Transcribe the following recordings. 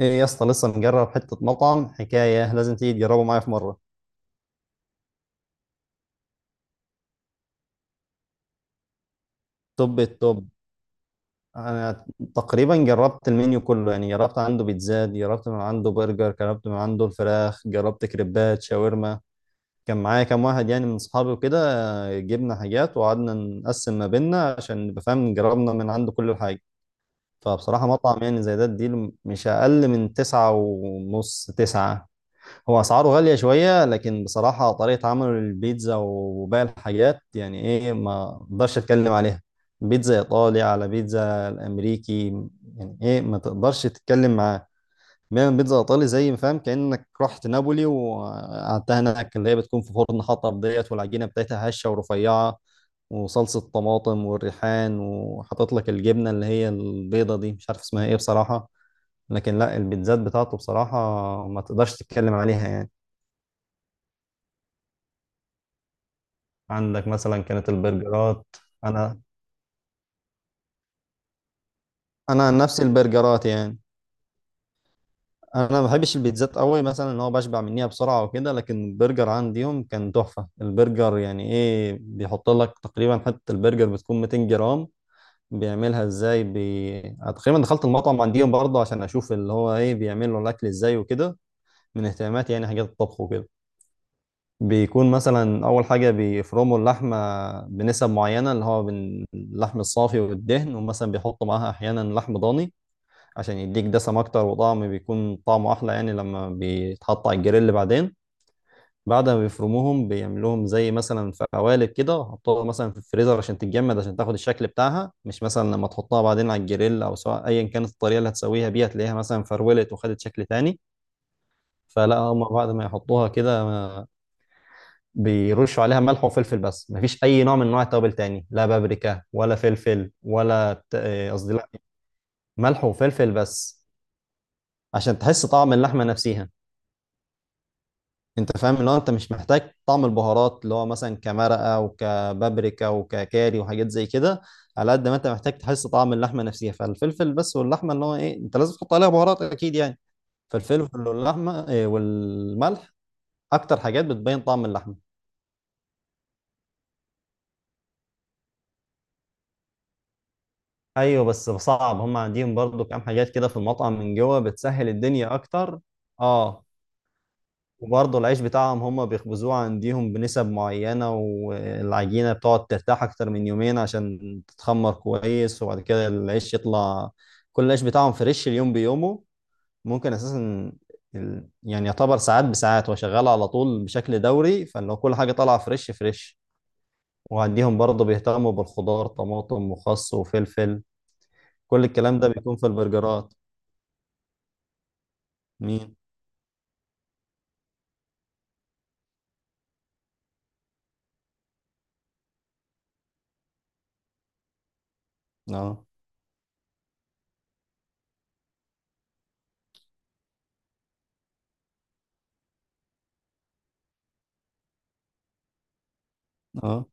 ايه يا اسطى لسه مجرب حتة مطعم حكاية، لازم تيجي تجربه معايا في مرة. توب التوب. انا تقريبا جربت المنيو كله، يعني جربت عنده بيتزات، جربت من عنده برجر، جربت من عنده الفراخ، جربت كريبات شاورما. كان معايا كام واحد يعني من اصحابي وكده. جبنا حاجات وقعدنا نقسم ما بيننا عشان نبقى فاهم، جربنا من عنده كل حاجة. فبصراحة مطعم يعني زي ده اديله مش اقل من تسعة ونص، تسعة. هو اسعاره غاليه شويه، لكن بصراحه طريقه عمله للبيتزا وباقي الحاجات يعني ايه، ما اقدرش اتكلم عليها. بيتزا ايطالي على بيتزا الامريكي، يعني ايه ما تقدرش تتكلم معاه. بيعمل بيتزا ايطالي زي ما فاهم كانك رحت نابولي وقعدتها هناك، اللي هي بتكون في فرن حطب ديت، والعجينه بتاعتها هشه ورفيعه، وصلصه طماطم والريحان، وحاطط لك الجبنه اللي هي البيضه دي مش عارف اسمها ايه بصراحه. لكن لا، البيتزات بتاعته بصراحه ما تقدرش تتكلم عليها يعني. عندك مثلا كانت البرجرات. انا انا عن نفسي البرجرات يعني، انا ما بحبش البيتزات قوي، مثلا ان هو بشبع منيها بسرعه وكده، لكن البرجر عنديهم كان تحفه. البرجر يعني ايه، بيحط لك تقريبا حته البرجر بتكون 200 جرام. أنا تقريبا دخلت المطعم عنديهم برضه عشان اشوف اللي هو ايه بيعملوا الاكل ازاي وكده، من اهتماماتي يعني حاجات الطبخ وكده. بيكون مثلا اول حاجه بيفرموا اللحمه بنسب معينه، اللي هو من اللحم الصافي والدهن، ومثلا بيحطوا معاها احيانا لحم ضاني عشان يديك دسم اكتر وطعم بيكون طعمه احلى يعني لما بيتحط على الجريل بعدين. بعد ما بيفرموهم بيعملوهم زي مثلا في قوالب كده وحطوها مثلا في الفريزر عشان تتجمد، عشان تاخد الشكل بتاعها، مش مثلا لما تحطها بعدين على الجريل او سواء ايا كانت الطريقه اللي هتسويها بيها تلاقيها مثلا فرولت وخدت شكل تاني. فلا، هم بعد ما يحطوها كده بيرشوا عليها ملح وفلفل بس، مفيش اي نوع من انواع التوابل تاني، لا بابريكا ولا فلفل ولا قصدي لا، ملح وفلفل بس عشان تحس طعم اللحمه نفسها. انت فاهم اللي هو انت مش محتاج طعم البهارات اللي هو مثلا كمرقه وكبابريكا وككاري وحاجات زي كده، على قد ما انت محتاج تحس طعم اللحمه نفسها، فالفلفل بس واللحمه اللي هو ايه انت لازم تحط عليها بهارات اكيد يعني. فالفلفل واللحمه والملح اكتر حاجات بتبين طعم اللحمه. ايوه بس صعب، هم عندهم برضو كام حاجات كده في المطعم من جوه بتسهل الدنيا اكتر. اه. وبرضو العيش بتاعهم هم بيخبزوه عندهم بنسب معينة، والعجينة بتقعد ترتاح اكتر من يومين عشان تتخمر كويس، وبعد كده العيش يطلع. كل العيش بتاعهم فريش اليوم بيومه، ممكن اساسا يعني يعتبر ساعات بساعات هو شغال على طول بشكل دوري، فلو كل حاجة طالعة فريش فريش. وعندهم برضو بيهتموا بالخضار، طماطم وخس وفلفل. كل الكلام ده بيكون في البرجرات. مين؟ اه. اه،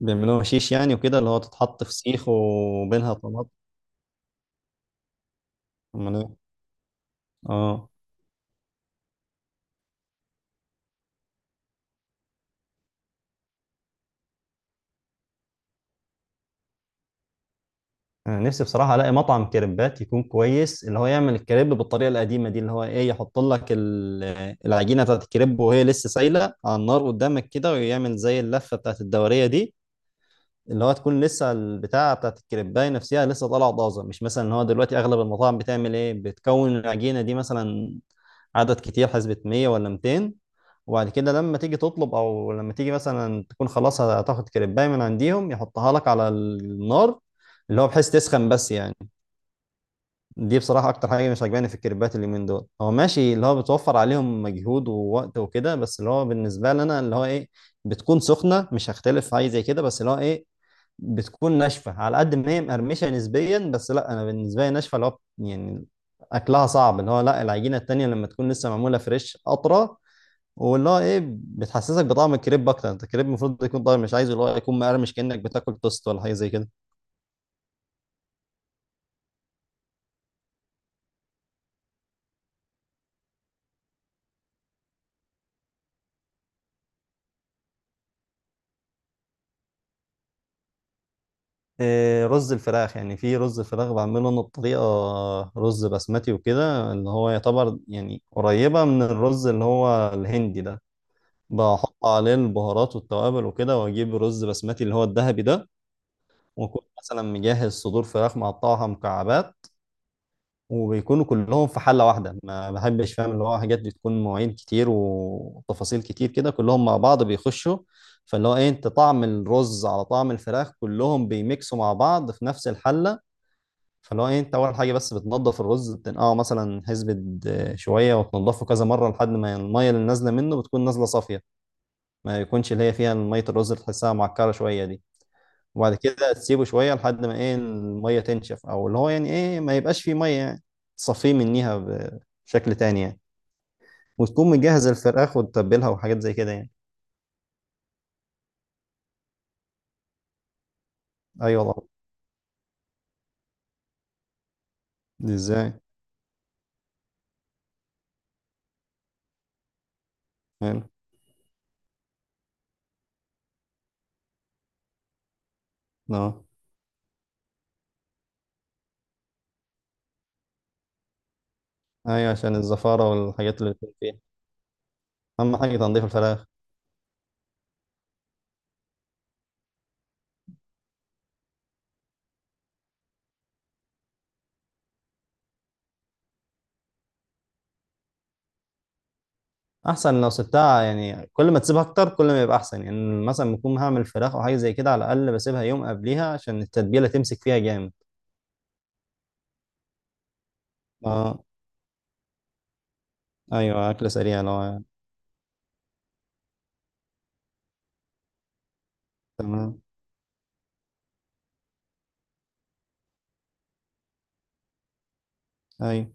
بيعملوها شيش يعني وكده، اللي هو تتحط في سيخ وبينها طماطم. امال ايه. اه. انا نفسي بصراحه الاقي مطعم كريبات يكون كويس، اللي هو يعمل الكريب بالطريقه القديمه دي، اللي هو ايه، يحط لك العجينه بتاعت الكريب وهي لسه سايله على النار قدامك كده، ويعمل زي اللفه بتاعت الدوريه دي، اللي هو تكون لسه البتاعة بتاعت الكريباية نفسها لسه طالعة طازة. مش مثلا ان هو دلوقتي اغلب المطاعم بتعمل ايه، بتكون العجينة دي مثلا عدد كتير، حسبة 100 ولا 200، وبعد كده لما تيجي تطلب او لما تيجي مثلا تكون خلاص هتاخد كريباية من عنديهم يحطها لك على النار، اللي هو بحيث تسخن بس يعني. دي بصراحة اكتر حاجة مش عجباني في الكريبات اليومين دول. هو ماشي اللي هو بتوفر عليهم مجهود ووقت وكده، بس اللي هو بالنسبة لنا اللي هو ايه، بتكون سخنة مش هختلف في حاجة زي كده، بس اللي هو ايه، بتكون ناشفه. على قد ما هي مقرمشه نسبيا، بس لا انا بالنسبه لي ناشفه، اللي هو يعني اكلها صعب. اللي هو لا، العجينه التانيه لما تكون لسه معموله فريش اطرى، واللي هو ايه بتحسسك بطعم الكريب اكتر. انت الكريب المفروض يكون طعم، مش عايزه اللي هو يكون مقرمش كانك بتاكل توست ولا حاجه زي كده. إيه رز الفراخ يعني؟ في رز الفراخ بعمله انا بطريقه، رز بسمتي وكده، اللي هو يعتبر يعني قريبه من الرز اللي هو الهندي ده. بحط عليه البهارات والتوابل وكده، واجيب رز بسمتي اللي هو الذهبي ده، واكون مثلا مجهز صدور فراخ مقطعها مكعبات، وبيكونوا كلهم في حله واحده. ما بحبش فاهم اللي هو حاجات بتكون مواعين كتير وتفاصيل كتير كده، كلهم مع بعض بيخشوا. فاللي هو ايه انت، طعم الرز على طعم الفراخ، كلهم بيميكسوا مع بعض في نفس الحله. فاللي هو ايه انت، اول حاجه بس بتنضف الرز، بتنقعه مثلا حسبه شويه، وتنضفه كذا مره لحد ما الميه اللي نازله منه بتكون نازله صافيه، ما يكونش اللي هي فيها ميه الرز اللي تحسها معكره شويه دي. وبعد كده تسيبه شوية لحد ما ايه المية تنشف، او اللي هو يعني ايه ما يبقاش فيه مية يعني، تصفيه منيها بشكل تاني يعني. وتكون مجهز الفراخ وتتبلها وحاجات زي كده يعني. ايوه والله. دي ازاي؟ حلو. اه ايوه، عشان الزفارة والحاجات اللي بتكون فيها، اهم حاجة تنظيف الفراخ. احسن لو سبتها يعني، كل ما تسيبها اكتر كل ما يبقى احسن يعني، مثلا بكون هعمل فراخ او حاجة زي كده على الاقل بسيبها يوم قبليها عشان التتبيلة تمسك فيها جامد. اه. ايوه، اكل سريع لو. تمام. ايوه.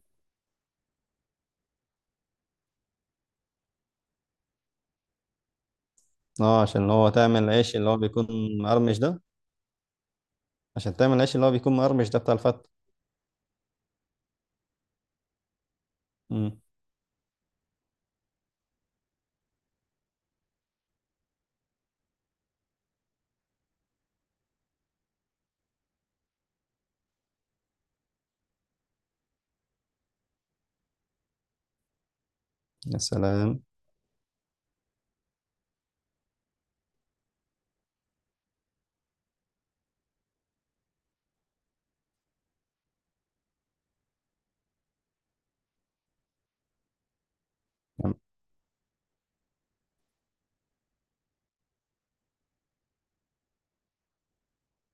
اه، عشان هو تعمل العيش اللي هو بيكون مقرمش ده. عشان تعمل العيش اللي هو بيكون مقرمش ده بتاع الفتة. امم. يا سلام. يعني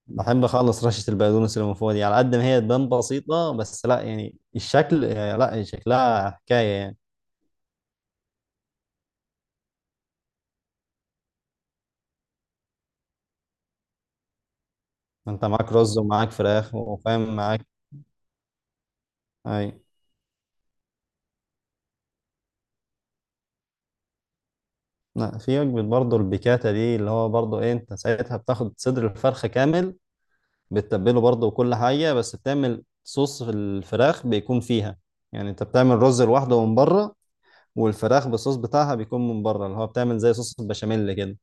بحب اخلص رشة البقدونس اللي من فوق دي، على قد ما هي تبان بسيطة، بس لا يعني الشكل يعني، لا شكلها حكاية يعني. انت معاك رز ومعاك فراخ وفاهم معاك. اي. لا، في وجبة برضه البيكاتا دي، اللي هو برضه ايه، انت ساعتها بتاخد صدر الفرخة كامل، بتتبله برضه وكل حاجة، بس بتعمل صوص في الفراخ بيكون فيها. يعني انت بتعمل رز لوحده من بره، والفراخ بالصوص بتاعها بيكون من بره، اللي هو بتعمل زي صوص البشاميل كده،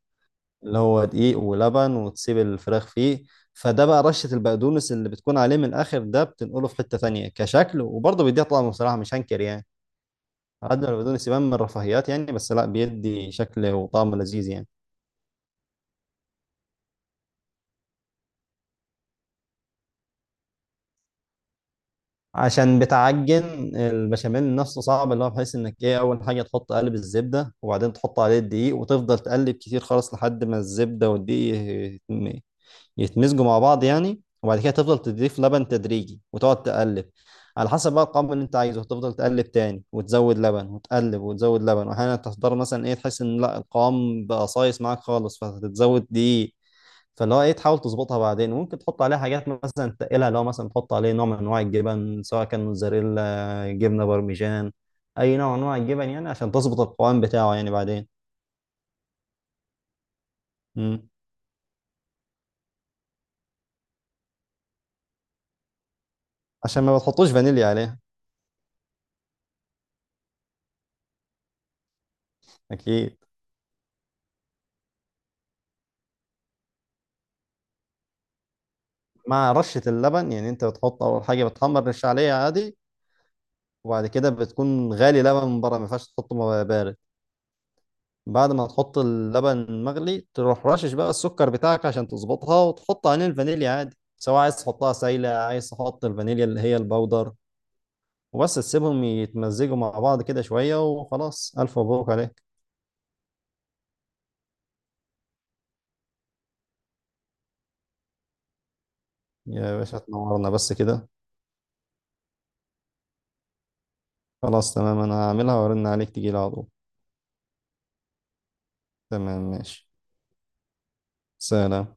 اللي هو دقيق ولبن وتسيب الفراخ فيه. فده بقى رشة البقدونس اللي بتكون عليه من الآخر ده بتنقله في حتة تانية كشكل، وبرضه بيديها طعم بصراحة مش هنكر يعني. على قد ما البقدونس يبان من الرفاهيات يعني، بس لا بيدي شكل وطعم لذيذ يعني. عشان بتعجن البشاميل نفسه صعب، اللي هو بحيث انك ايه، اول حاجة تحط قالب الزبدة وبعدين تحط عليه الدقيق، وتفضل تقلب كتير خالص لحد ما الزبدة والدقيق يتمزجوا مع بعض يعني، وبعد كده تفضل تضيف لبن تدريجي وتقعد تقلب. على حسب بقى القوام اللي انت عايزه تفضل تقلب تاني وتزود لبن، وتقلب وتزود لبن، واحيانا تضطر مثلا ايه تحس ان لا القوام بقى صايص معاك خالص فتتزود دي. فاللي هو ايه، تحاول تظبطها بعدين. وممكن تحط عليها حاجات مثلا تقلها، لو مثلا تحط عليه نوع من انواع الجبن سواء كان موتزاريلا، جبنه بارميجان، اي نوع من انواع الجبن يعني، عشان تظبط القوام بتاعه يعني بعدين. مم. عشان ما بتحطوش فانيليا عليها. اكيد. مع رشة اللبن، يعني انت بتحط اول حاجة بتحمر، رش عليه عادي، وبعد كده بتكون غالي لبن من بره، ما ينفعش تحطه بارد. بعد ما تحط اللبن مغلي تروح رشش بقى السكر بتاعك عشان تظبطها، وتحط عليه الفانيليا عادي، سواء عايز تحطها سايلة عايز تحط الفانيليا اللي هي البودر، وبس تسيبهم يتمزجوا مع بعض كده شوية وخلاص، ألف مبروك عليك. يا باشا تنورنا بس كده. خلاص تمام، أنا هعملها وأرن عليك تجيلي على طول. تمام ماشي. سلام.